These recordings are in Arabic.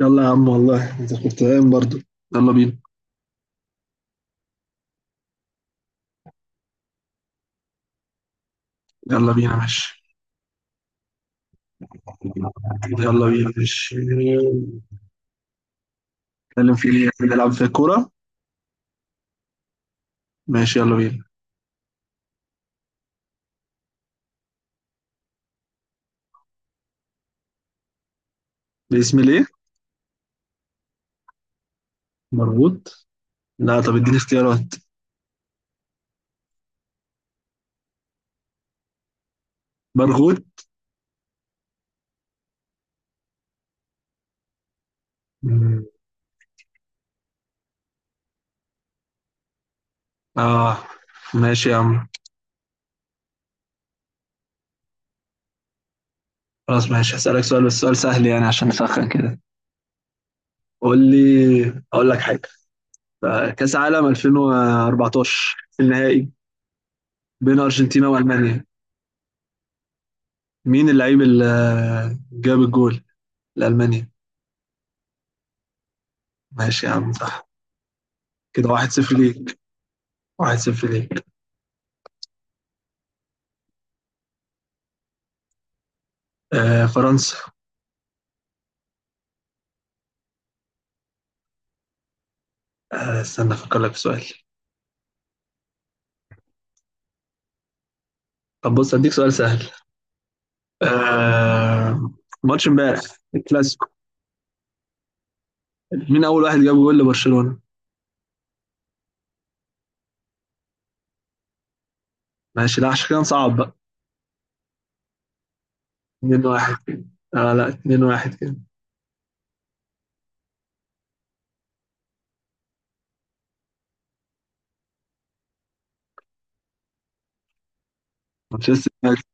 يلا يا عم، والله انت كنت قايم برضه. يلا بينا. يلا بينا ماشي. يلا بينا ماشي نتكلم. في ايه نلعب؟ في كورة. ماشي يلا بينا. باسم ليه؟ مربوط. لا، طب اديني اختيارات. برغوت. مم. اه، ماشي يا عم. خلاص ماشي، هسألك سؤال بس سؤال سهل يعني عشان نسخن كده. قول لي اقول لك حاجة. كأس عالم 2014 النهائي بين أرجنتينا وألمانيا. مين اللعيب اللي جاب الجول لألمانيا؟ ماشي يا عم صح. كده 1-0 ليك. 1-0 ليك. آه فرنسا. استنى افكر لك في سؤال. طب بص، اديك سؤال سهل. آه ماتش امبارح الكلاسيكو. مين اول واحد جاب جول لبرشلونة؟ ماشي، لا عشان كده نصعب بقى. 2-1. اه لا، 2-1 كده. مانشستر يونايتد.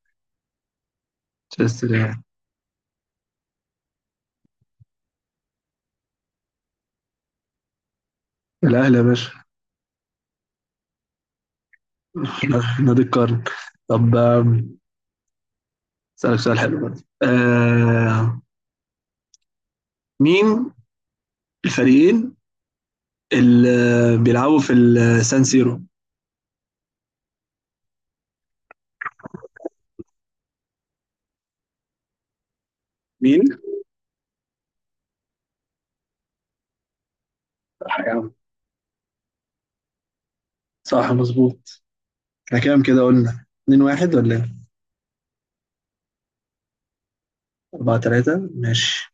مانشستر يونايتد. الاهلي يا باشا. نادي القرن. طب اسالك سؤال حلو برضه. مين الفريقين اللي بيلعبوا في السان سيرو؟ مين؟ صح يا عم. صح مظبوط. احنا كام كده قلنا، 2-1 ولا ايه؟ 4-3 ماشي.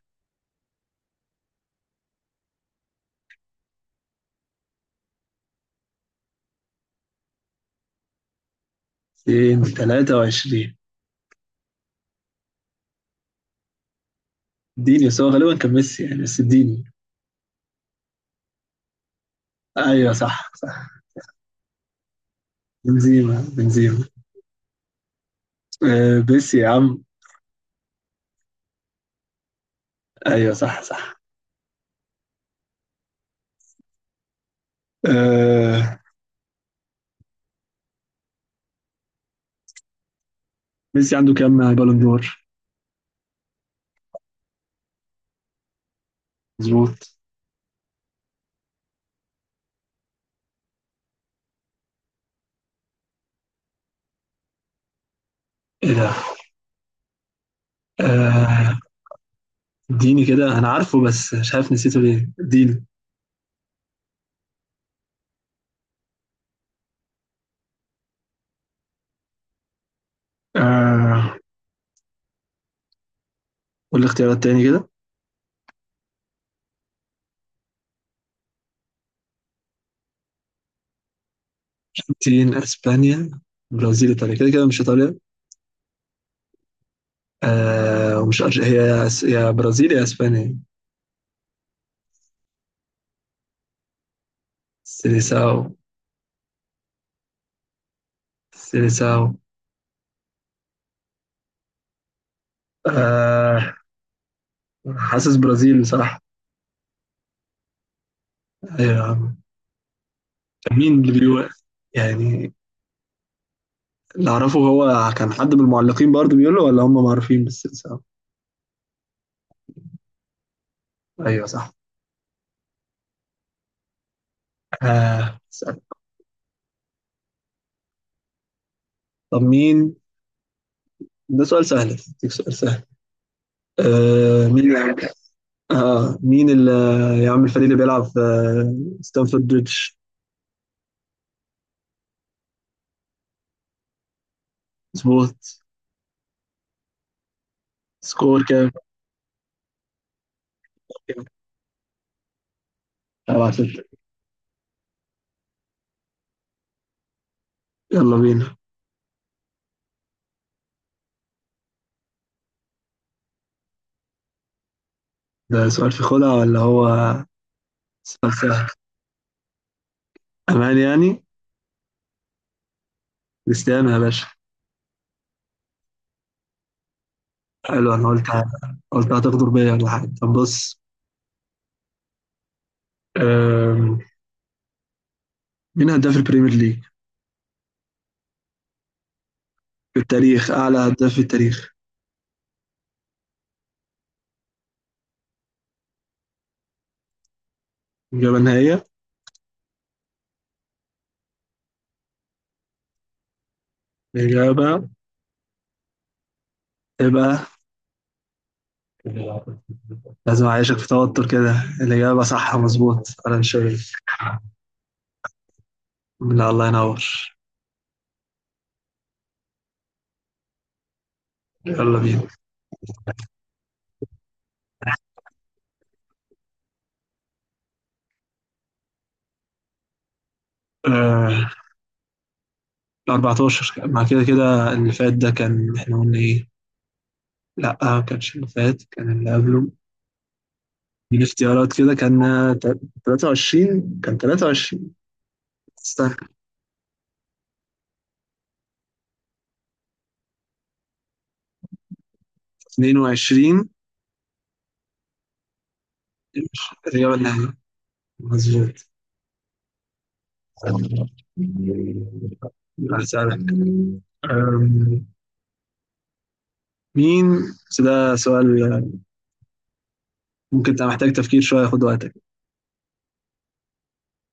223. اديني، بس هو غالبا كان ميسي يعني، بس اديني. ايوه صح، صح. بنزيما بنزيما. آه ميسي يا عم. ايوه صح، صح. آه ميسي عنده كام بالون دور؟ مظبوط. ايه ده؟ آه اديني كده، انا عارفه بس مش عارف، نسيته ليه اديني. آه قول لي اختيارات تاني كده. الارجنتين، اسبانيا، برازيل، ايطاليا، كده كده مش ايطاليا. ومش هي يا برازيل يا اسبانيا. سيليساو. سيليساو. آه حاسس برازيل بصراحة. أيوة يا عم. كان مين اللي بيقول يعني؟ اللي أعرفه، هو كان حد من المعلقين برضه بيقول له، ولا هم معروفين بالسيليساو. أيوة صح. آه سهل. طب مين؟ ده سؤال سهل، أديك سؤال سهل. آه مين اللي يعمل مين اللي يعمل الفريق اللي بيلعب في ستانفورد بريدج؟ مظبوط. سكور كام؟ 7-6. يلا بينا. ده سؤال في خدعة ولا هو سؤال سهل، أمان يعني؟ كريستيانو يا باشا. حلو، انا قلت هتغدر بيا ولا حاجه. طب بص، أم، مين هداف البريمير ليج في التاريخ؟ اعلى هداف في التاريخ. اجابه نهائيه؟ الاجابه تبقى. لازم اعيشك في توتر كده. الاجابه صح مظبوط، انا شايف. لا، الله ينور. يلا بينا. آه، 14. مع كده كده اللي فات ده كان، احنا قلنا ايه؟ لا، ما كانش اللي فات، كان اللي قبله. من اختيارات كده كان تا- 23. كان 23. استنى. 22. الرياض الأهلي مظبوط. هسألك. أم، مين؟ بس ده سؤال ممكن تبقى محتاج تفكير شوية، خد وقتك.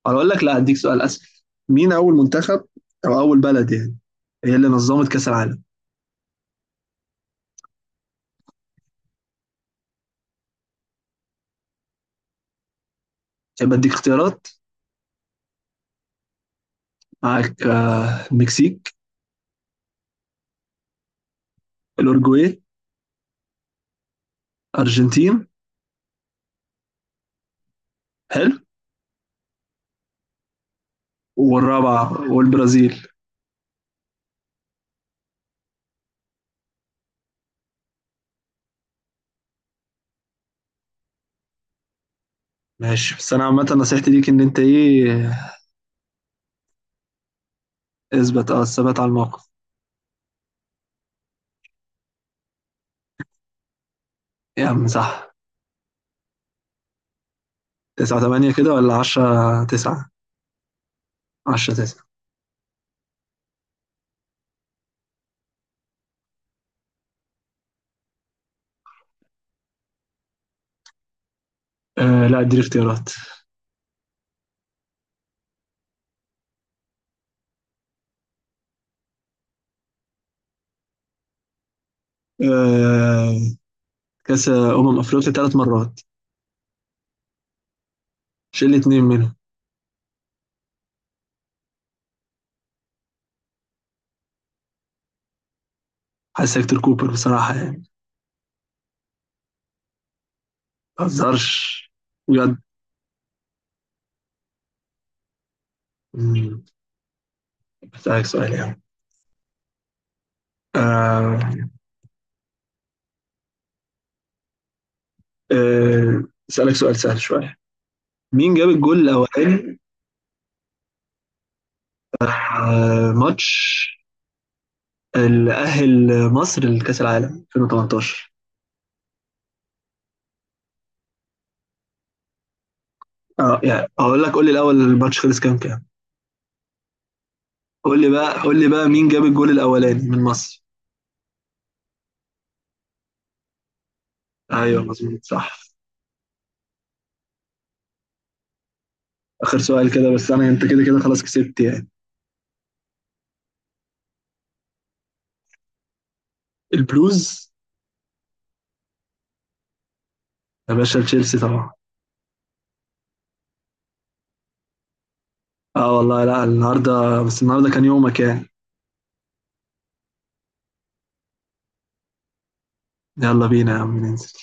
أو أقول لك لا، أديك سؤال أسهل. مين أول منتخب، أو أول بلد يعني، هي اللي نظمت كأس العالم؟ يبقى أديك اختيارات معاك. المكسيك، الأورجواي، أرجنتين. حلو. والرابعة والبرازيل. ماشي، بس أنا عامة نصيحتي ليك إن أنت إيه، اثبت، الثبات على الموقف. يا عم صح. 9-8 كده ولا 10-9؟ 10-9. آه لا، اديني اختيارات. آه كاس أمم أفريقيا ثلاث مرات. شيل لي اتنين منهم. حاسس هيكتور كوبر بصراحة يعني. ما بهزرش، بجد. مم. أسألك سؤال يعني. آه آه أسألك سؤال سهل شوية. مين جاب الجول الأولاني ماتش اللي أهل مصر لكأس العالم 2018؟ اه يعني، هقول لك. قول لي الأول، الماتش خلص كام كام؟ قول لي بقى مين جاب الجول الأولاني من مصر؟ ايوه مظبوط صح. اخر سؤال كده بس، انا انت كده كده خلاص كسبت يعني. البلوز يا باشا تشيلسي طبعا. اه والله، لا النهارده. بس النهارده كان يومك يعني. يلا بينا يا عم ننزل.